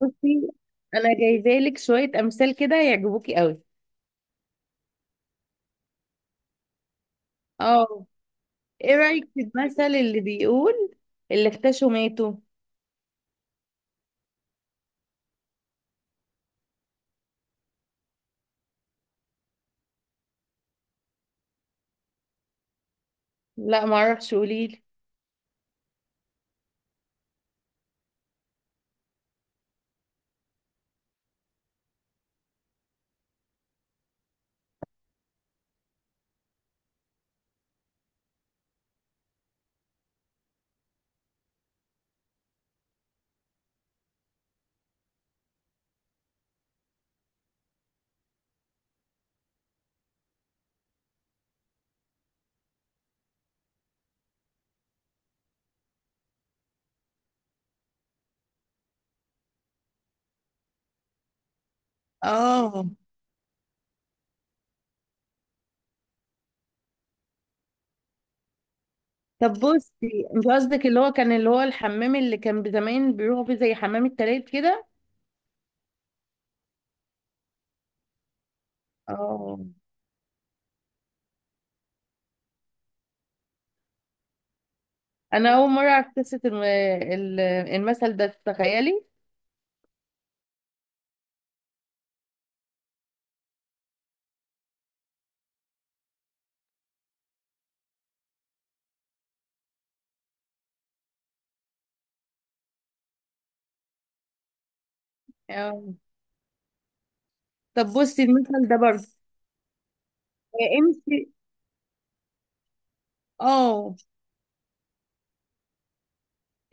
بصي، انا جايبالك شويه امثال كده يعجبوكي قوي. اه. ايه رايك في المثل اللي بيقول اللي اختشوا ماتوا؟ لا، ما اعرفش، قوليلي. اه. طب بصي، انت قصدك اللي هو كان، اللي هو الحمام اللي كان زمان بيروحوا فيه زي حمام التلات كده. اه. انا اول مره اعرف قصه المثل ده، تخيلي. اه. طب بصي المثل ده برضه، امشي. اه.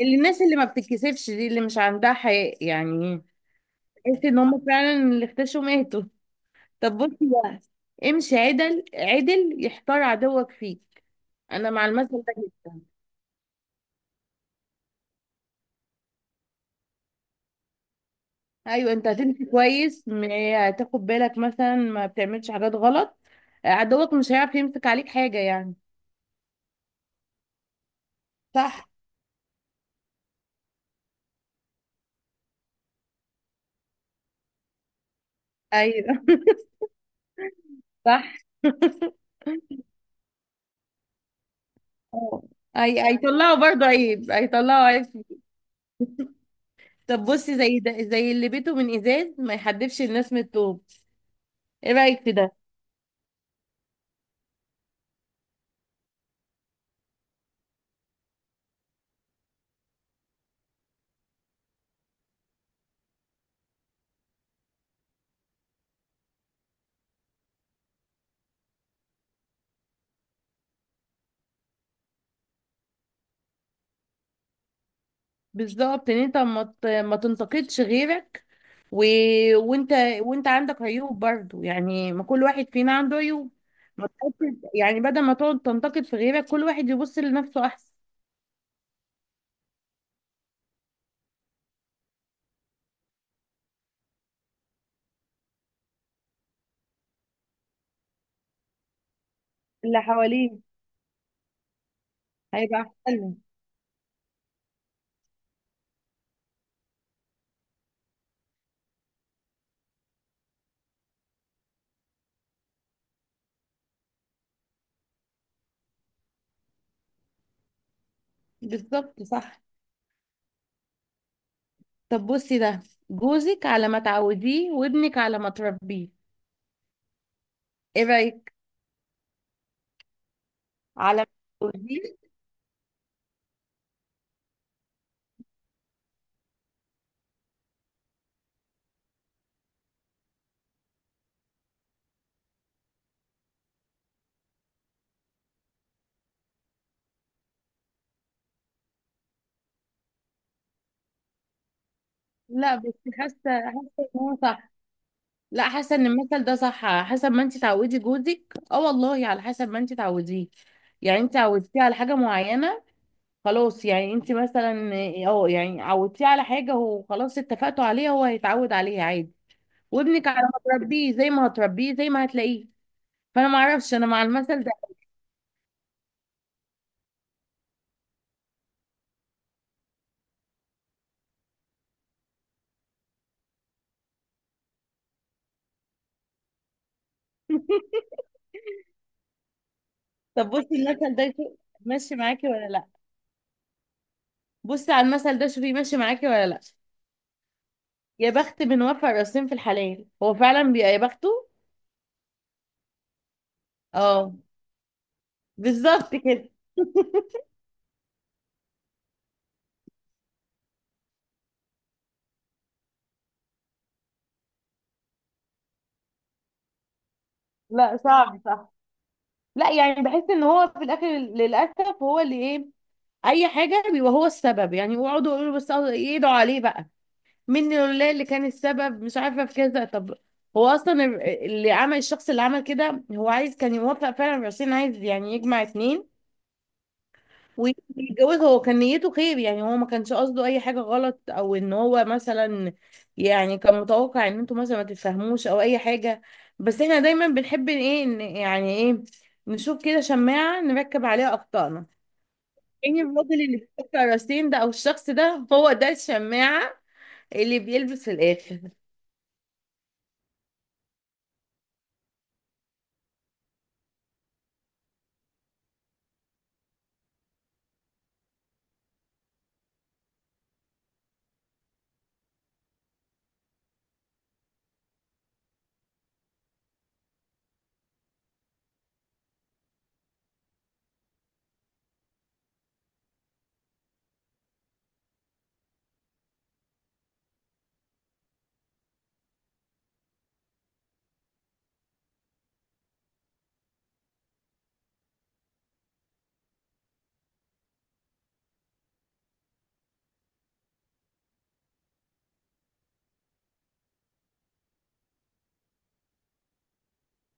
اللي الناس اللي ما بتتكسفش دي اللي مش عندها حياء يعني، تحسي ان هم فعلا اللي اختشوا ماتوا. طب بصي بقى، امشي عدل عدل يحتار عدوك فيك، انا مع المثل ده جدا. ايوه انت هتمشي كويس، هتاخد بالك مثلا ما بتعملش حاجات غلط، عدوك مش هيعرف يمسك عليك حاجة يعني. صح. ايوه صح. اه. اي هيطلعوا برضه عيب، هيطلعوا عيب فيك. طب بصي زي ده، زي اللي بيته من ازاز ما يحدفش الناس من الطوب، ايه رأيك في ده؟ بالظبط، ان انت ما تنتقدش غيرك، و... وانت، عندك عيوب برضو يعني، ما كل واحد فينا عنده عيوب. ما تحطش يعني، بدل ما تقعد تنتقد في غيرك كل واحد يبص لنفسه احسن. اللي حواليه هيبقى احسن له. بالظبط صح. طب بصي ده، جوزك على ما تعوديه وابنك على ما تربيه، ايه رايك؟ على ما تعوديه؟ لا بس حاسه ان هو صح. لا، حاسه ان المثل ده صح، على حسب ما انت تعودي جوزك. اه والله، على حسب ما انت تعوديه. يعني انت عودتيه على حاجه معينه خلاص، يعني انت مثلا يعني عودتيه على حاجه وخلاص، اتفقتوا عليها، هو هيتعود عليها عادي. وابنك على ما تربيه، زي ما هتربيه زي ما هتلاقيه. فانا ما اعرفش، انا مع المثل ده. طب بصي المثل ده ماشي معاكي ولا لا؟ بصي على المثل ده، شوفي ماشي معاكي ولا لا. يا بخت من وفى الراسين في الحلال، هو فعلا بيبقى يا بخته. اه. بالظبط كده. لا صعب، صح. لا يعني، بحس ان هو في الاخر للاسف هو اللي ايه، اي حاجه بيبقى هو السبب، يعني يقعدوا يقولوا بس أه يدعوا عليه بقى، من لله اللي كان السبب، مش عارفه في كذا. طب هو اصلا اللي عمل، الشخص اللي عمل كده هو عايز كان يوفق فعلا الرئيسين، عايز يعني يجمع اتنين ويتجوز، هو كان نيته خير يعني، هو ما كانش قصده اي حاجه غلط او ان هو مثلا، يعني كان متوقع ان انتوا مثلا ما تتفهموش او اي حاجه. بس احنا دايما بنحب ايه يعني ايه، نشوف كده شماعه نركب عليها اخطائنا. يعني الراجل اللي بيحط راسين ده او الشخص ده هو ده الشماعه اللي بيلبس في الاخر.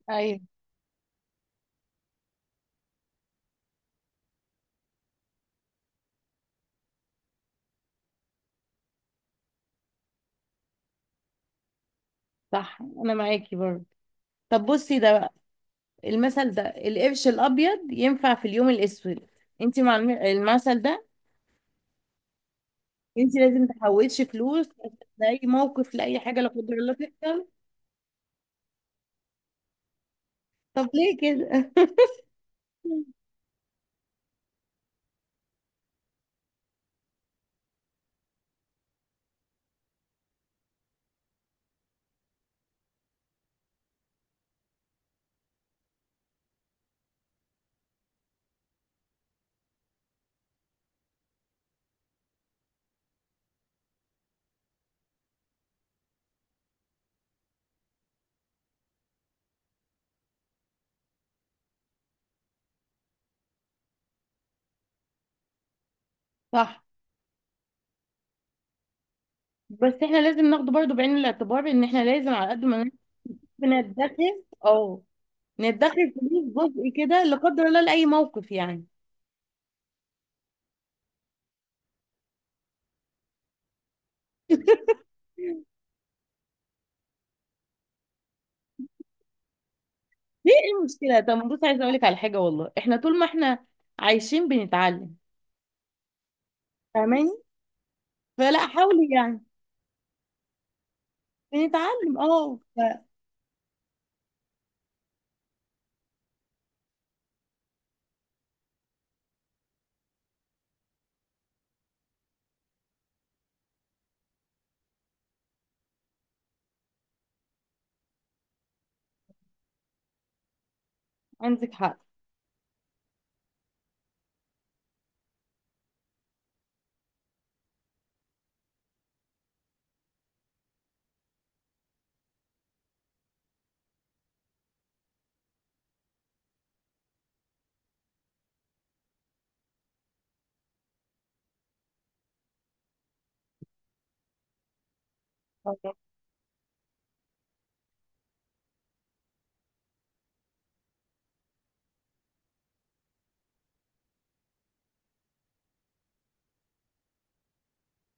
ايوه صح، انا معاكي برضه. طب بصي ده بقى، المثل ده، القرش الابيض ينفع في اليوم الاسود، انت مع المثل ده؟ انت لازم تحوشي فلوس لاي موقف، لاي حاجه لا قدر الله تحصل. طب ليه كده؟ صح. بس احنا لازم ناخده برضو بعين الاعتبار، ان احنا لازم على قد ما نعرف ندخر. اه، ندخر فلوس جزء كده لا قدر الله لاي موقف يعني. ليه؟ ايه المشكله؟ طب بص، عايزه اقول لك على حاجه، والله احنا طول ما احنا عايشين بنتعلم، فاهماني؟ فلا، حاولي يعني. بنتعلم اه، عندك حق. طب.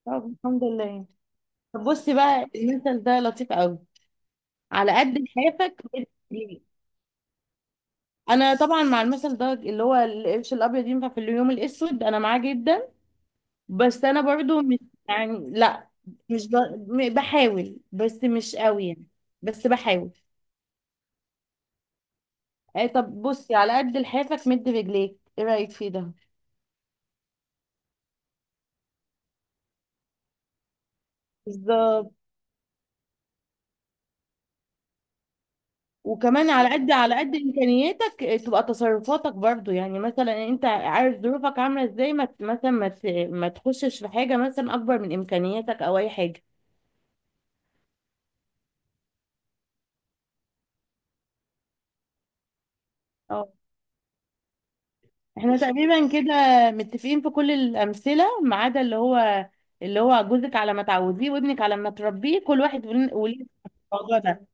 طب الحمد لله. طب بصي بقى المثل ده لطيف قوي، على قد لحافك بتجري. انا طبعا مع المثل ده اللي هو القرش الابيض ينفع في اليوم الاسود، انا معاه جدا، بس انا برضو مش يعني لا، مش ب... م- بحاول، بس مش قوي يعني، بس بحاول. اي طب بصي، على قد لحافك مد رجليك، ايه رايك في ده؟ بالظبط. وكمان على قد امكانياتك إيه، تبقى تصرفاتك برضو، يعني مثلا انت عارف ظروفك عامله ازاي، ما ت- مثلا ما تخشش في حاجه مثلا اكبر من امكانياتك او اي حاجه. احنا تقريبا كده متفقين في كل الأمثلة، ما عدا اللي هو جوزك على ما تعوديه وابنك على ما تربيه، كل واحد وليه وليه، الموضوع ده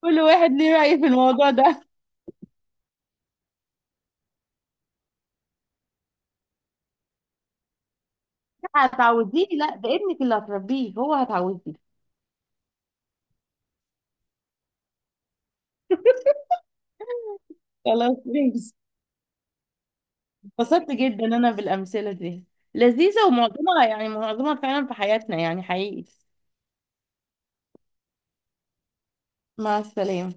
كل واحد ليه رأي في الموضوع ده. هتعوديه؟ لا ده ابنك اللي هتربيه، هو هتعوديه. خلاص ماشي. اتبسطت جدا انا بالأمثلة دي، لذيذة ومعظمها يعني معظمها فعلا في حياتنا يعني حقيقي. مع السلامة.